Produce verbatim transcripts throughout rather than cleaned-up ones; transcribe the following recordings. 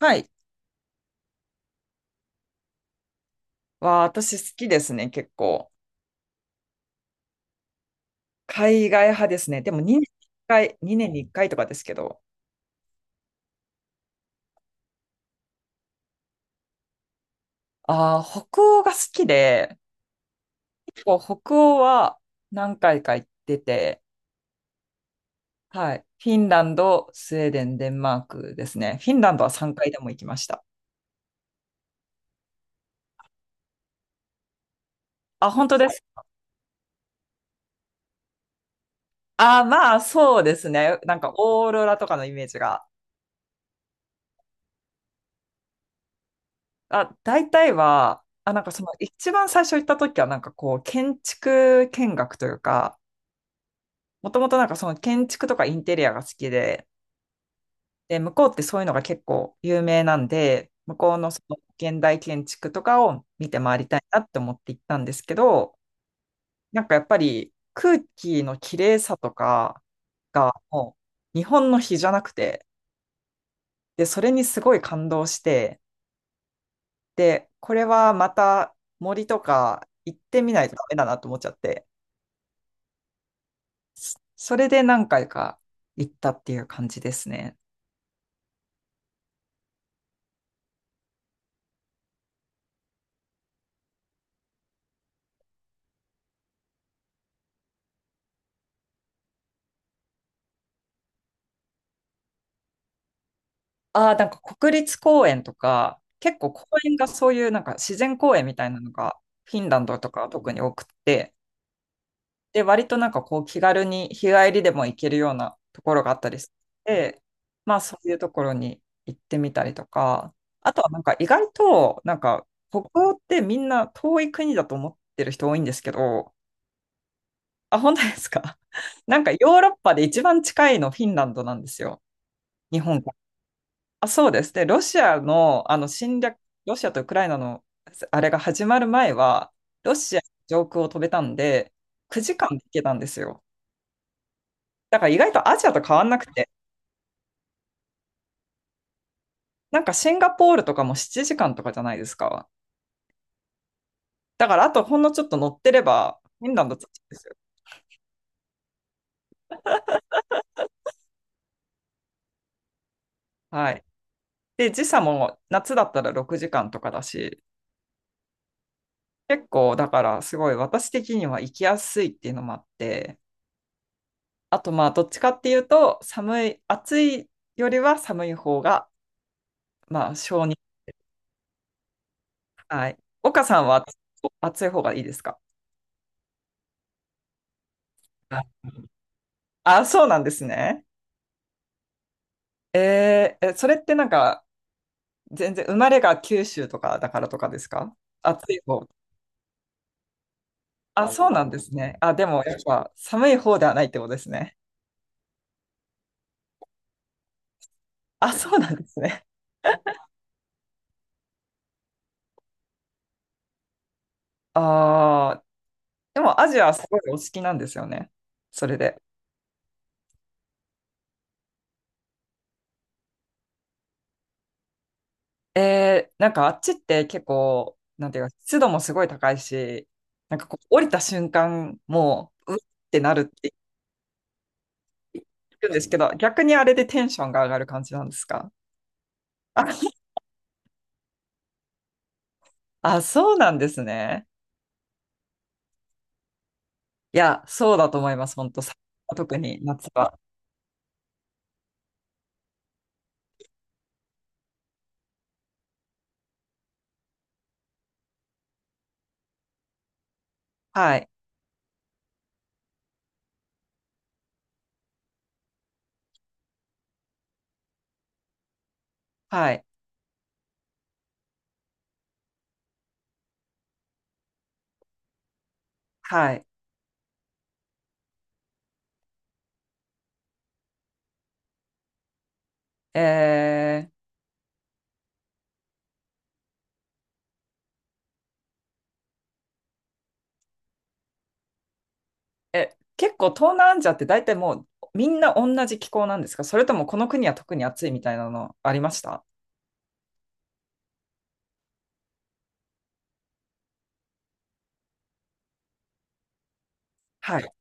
はい。は、私好きですね、結構。海外派ですね。でもにねんにいっかい、にねんにいっかいとかですけど。ああ、北欧が好きで、結構北欧は何回か行ってて、はい。フィンランド、スウェーデン、デンマークですね。フィンランドはさんかいでも行きました。あ、本当ですああー、まあ、そうですね。なんか、オーロラとかのイメージが。あ、大体は、あ、なんかその一番最初行った時は、なんかこう、建築見学というか、もともとなんかその建築とかインテリアが好きで、で、向こうってそういうのが結構有名なんで、向こうのその現代建築とかを見て回りたいなって思って行ったんですけど、なんかやっぱり空気の綺麗さとかがもう日本の比じゃなくて、で、それにすごい感動して、で、これはまた森とか行ってみないとダメだなと思っちゃって、それで何回か行ったっていう感じですね。ああ、なんか国立公園とか、結構公園がそういうなんか自然公園みたいなのがフィンランドとかは特に多くって、で、割となんかこう気軽に日帰りでも行けるようなところがあったりして、まあそういうところに行ってみたりとか、あとはなんか意外となんか北欧ってみんな遠い国だと思ってる人多いんですけど、あ、本当ですか？ なんかヨーロッパで一番近いのフィンランドなんですよ。日本から。あ、そうです。で、ロシアの、あの侵略、ロシアとウクライナのあれが始まる前は、ロシア上空を飛べたんで、くじかんで行けたんですよ。だから意外とアジアと変わんなくて、なんかシンガポールとかもななじかんとかじゃないですか。だからあとほんのちょっと乗ってれば、フィンランド着くんですよ。はい。で、時差も夏だったらろくじかんとかだし、結構だからすごい私的には行きやすいっていうのもあって、あとまあどっちかっていうと、寒い、暑いよりは寒い方がまあ、小児。はい。岡さんは暑い方がいいですか？はい。あ、そうなんですね。えーえ、それってなんか、全然生まれが九州とかだからとかですか？暑い方。あ、そうなんですね。あ、でもやっぱ寒い方ではないってことですね。あ、そうなんですね。ああ、でもアジアはすごいお好きなんですよね。それで。えーなんかあっちって結構、なんていうか、湿度もすごい高いし、なんかこう降りた瞬間、もう、うってなるってるんですけど、逆にあれでテンションが上がる感じなんですか？あ、あ、そうなんですね。いや、そうだと思います、本当、さ特に夏は。はい、はい、はい。えーえ、結構東南アジアって大体もうみんな同じ気候なんですか？それともこの国は特に暑いみたいなのありました？はい、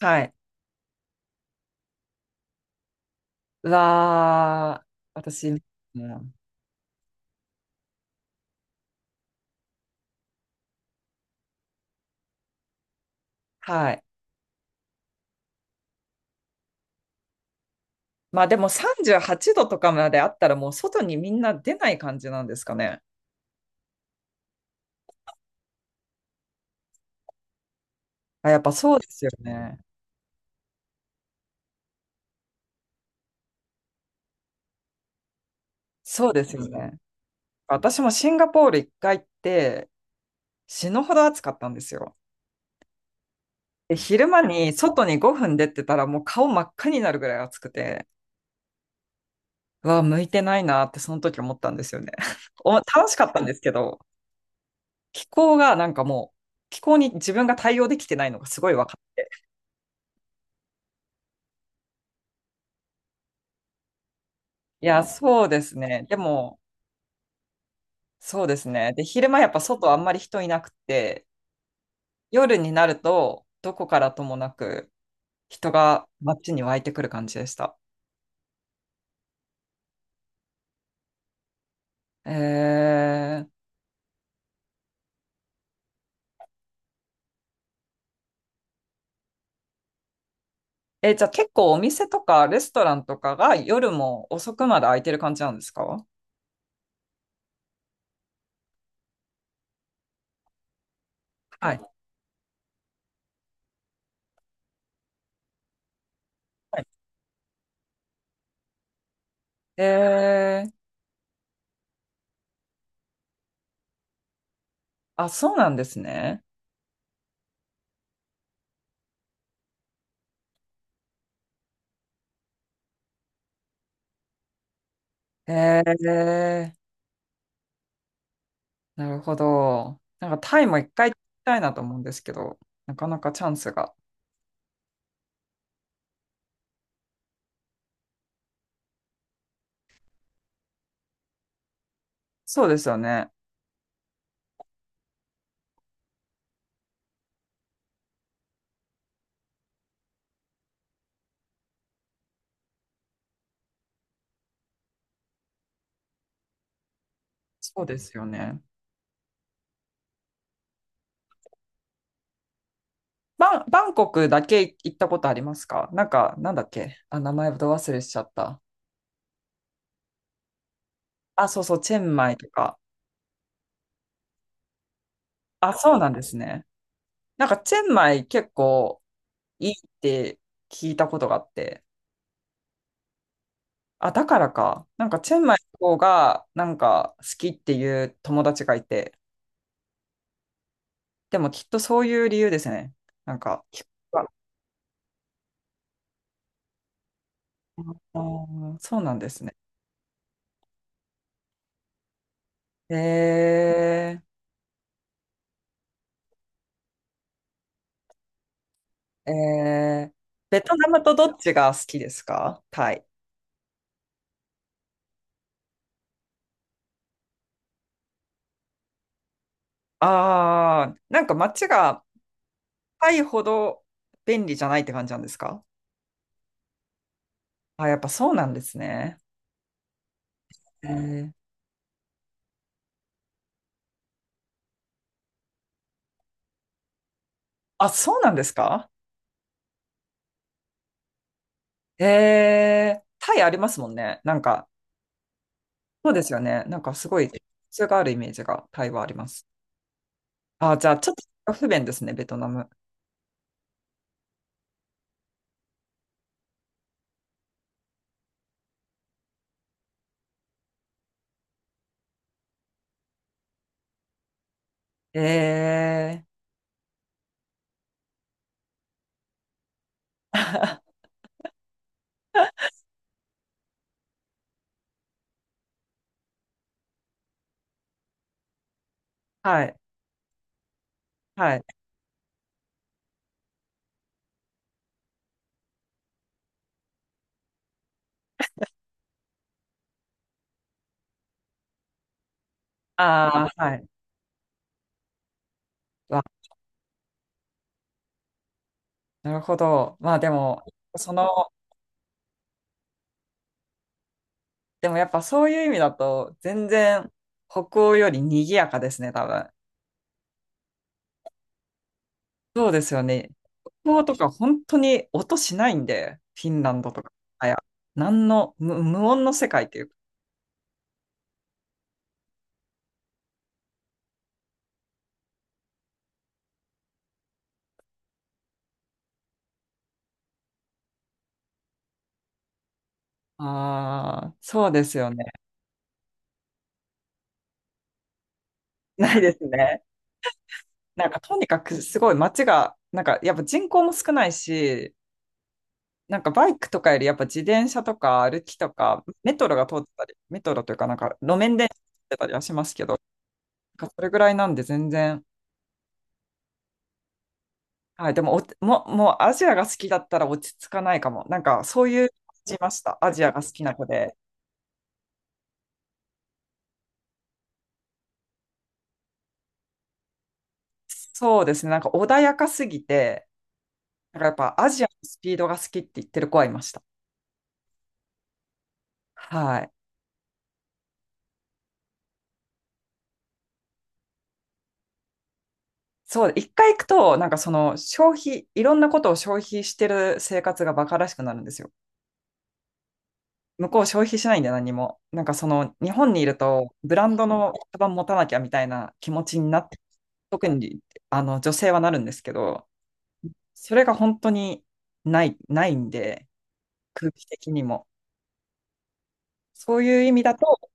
はい。うわー、私、うん、はい。まあでもさんじゅうはちどとかまであったらもう外にみんな出ない感じなんですかね。あ、やっぱそうですよね。そうですよね。私もシンガポール一回行って死ぬほど暑かったんですよ。で、昼間に外にごふん出てたらもう顔真っ赤になるぐらい暑くて、うわ、向いてないなってその時思ったんですよね。お、楽しかったんですけど、気候がなんかもう、気候に自分が対応できてないのがすごいわかった。いや、そうですね。でも、そうですね。で、昼間やっぱ外あんまり人いなくて、夜になるとどこからともなく、人が街に湧いてくる感じでした。えー、え、じゃあ結構お店とかレストランとかが夜も遅くまで開いてる感じなんですか？はい。はい。えー、あ、そうなんですね。えー、なるほど。なんかタイも一回行きたいなと思うんですけど、なかなかチャンスが。そうですよね。そうですよね。バン、バンコクだけ行ったことありますか？なんか、なんだっけ。あ、名前ど忘れしちゃった。あ、そうそう、チェンマイとか。あ、そうなんですね。なんか、チェンマイ結構いいって聞いたことがあって。あ、だからか。なんか、チェンマイの方が、なんか、好きっていう友達がいて。でも、きっとそういう理由ですね。なんか、聞くか。あーそうなんですね。えー、えー、ベトナムとどっちが好きですか？タイ。ああ、なんか街がタイほど便利じゃないって感じなんですか？あ、やっぱそうなんですね。えー。あ、そうなんですか？ええ、タイありますもんね。なんか、そうですよね。なんかすごい、普通があるイメージがタイはあります。あ、じゃあ、ちょっと不便ですね、ベトナム。ええ、はい、はい。ああはい。わ、なるほど。まあでも、その、でもやっぱそういう意味だと、全然北欧より賑やかですね、多分。そうですよね。北欧とか本当に音しないんで、フィンランドとか。あいや、何の無、無音の世界っていうか。ああ、そうですよね。ないですね。なんかとにかくすごい街が、なんかやっぱ人口も少ないし、なんかバイクとかよりやっぱ自転車とか歩きとか、メトロが通ってたり、メトロというかなんか路面電車が通ってたりはしますけど、なんかそれぐらいなんで全然、はい、でもお、も、もうアジアが好きだったら落ち着かないかも。なんかそういう感じました。アジアが好きな子で。そうですね。なんか穏やかすぎて、なんかやっぱアジアのスピードが好きって言ってる子はいました。はい。そう、一回行くと、なんかその消費、いろんなことを消費してる生活がバカらしくなるんですよ。向こう消費しないんで何も。なんかその日本にいると、ブランドのカバン持たなきゃみたいな気持ちになって、特にあの女性はなるんですけど、それが本当にない、ないんで、空気的にも。そういう意味だと、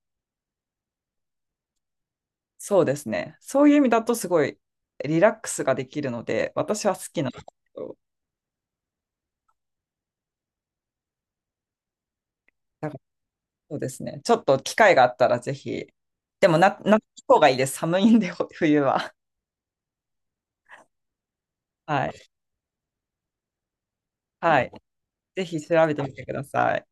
そうですね。そういう意味だとすごいリラックスができるので、私は好きなんですけど、だそうですね。ちょっと機会があったらぜひ。でもな、夏の方がいいです。寒いんで、ほ冬は。はい。はい。ぜひ調べてみてください。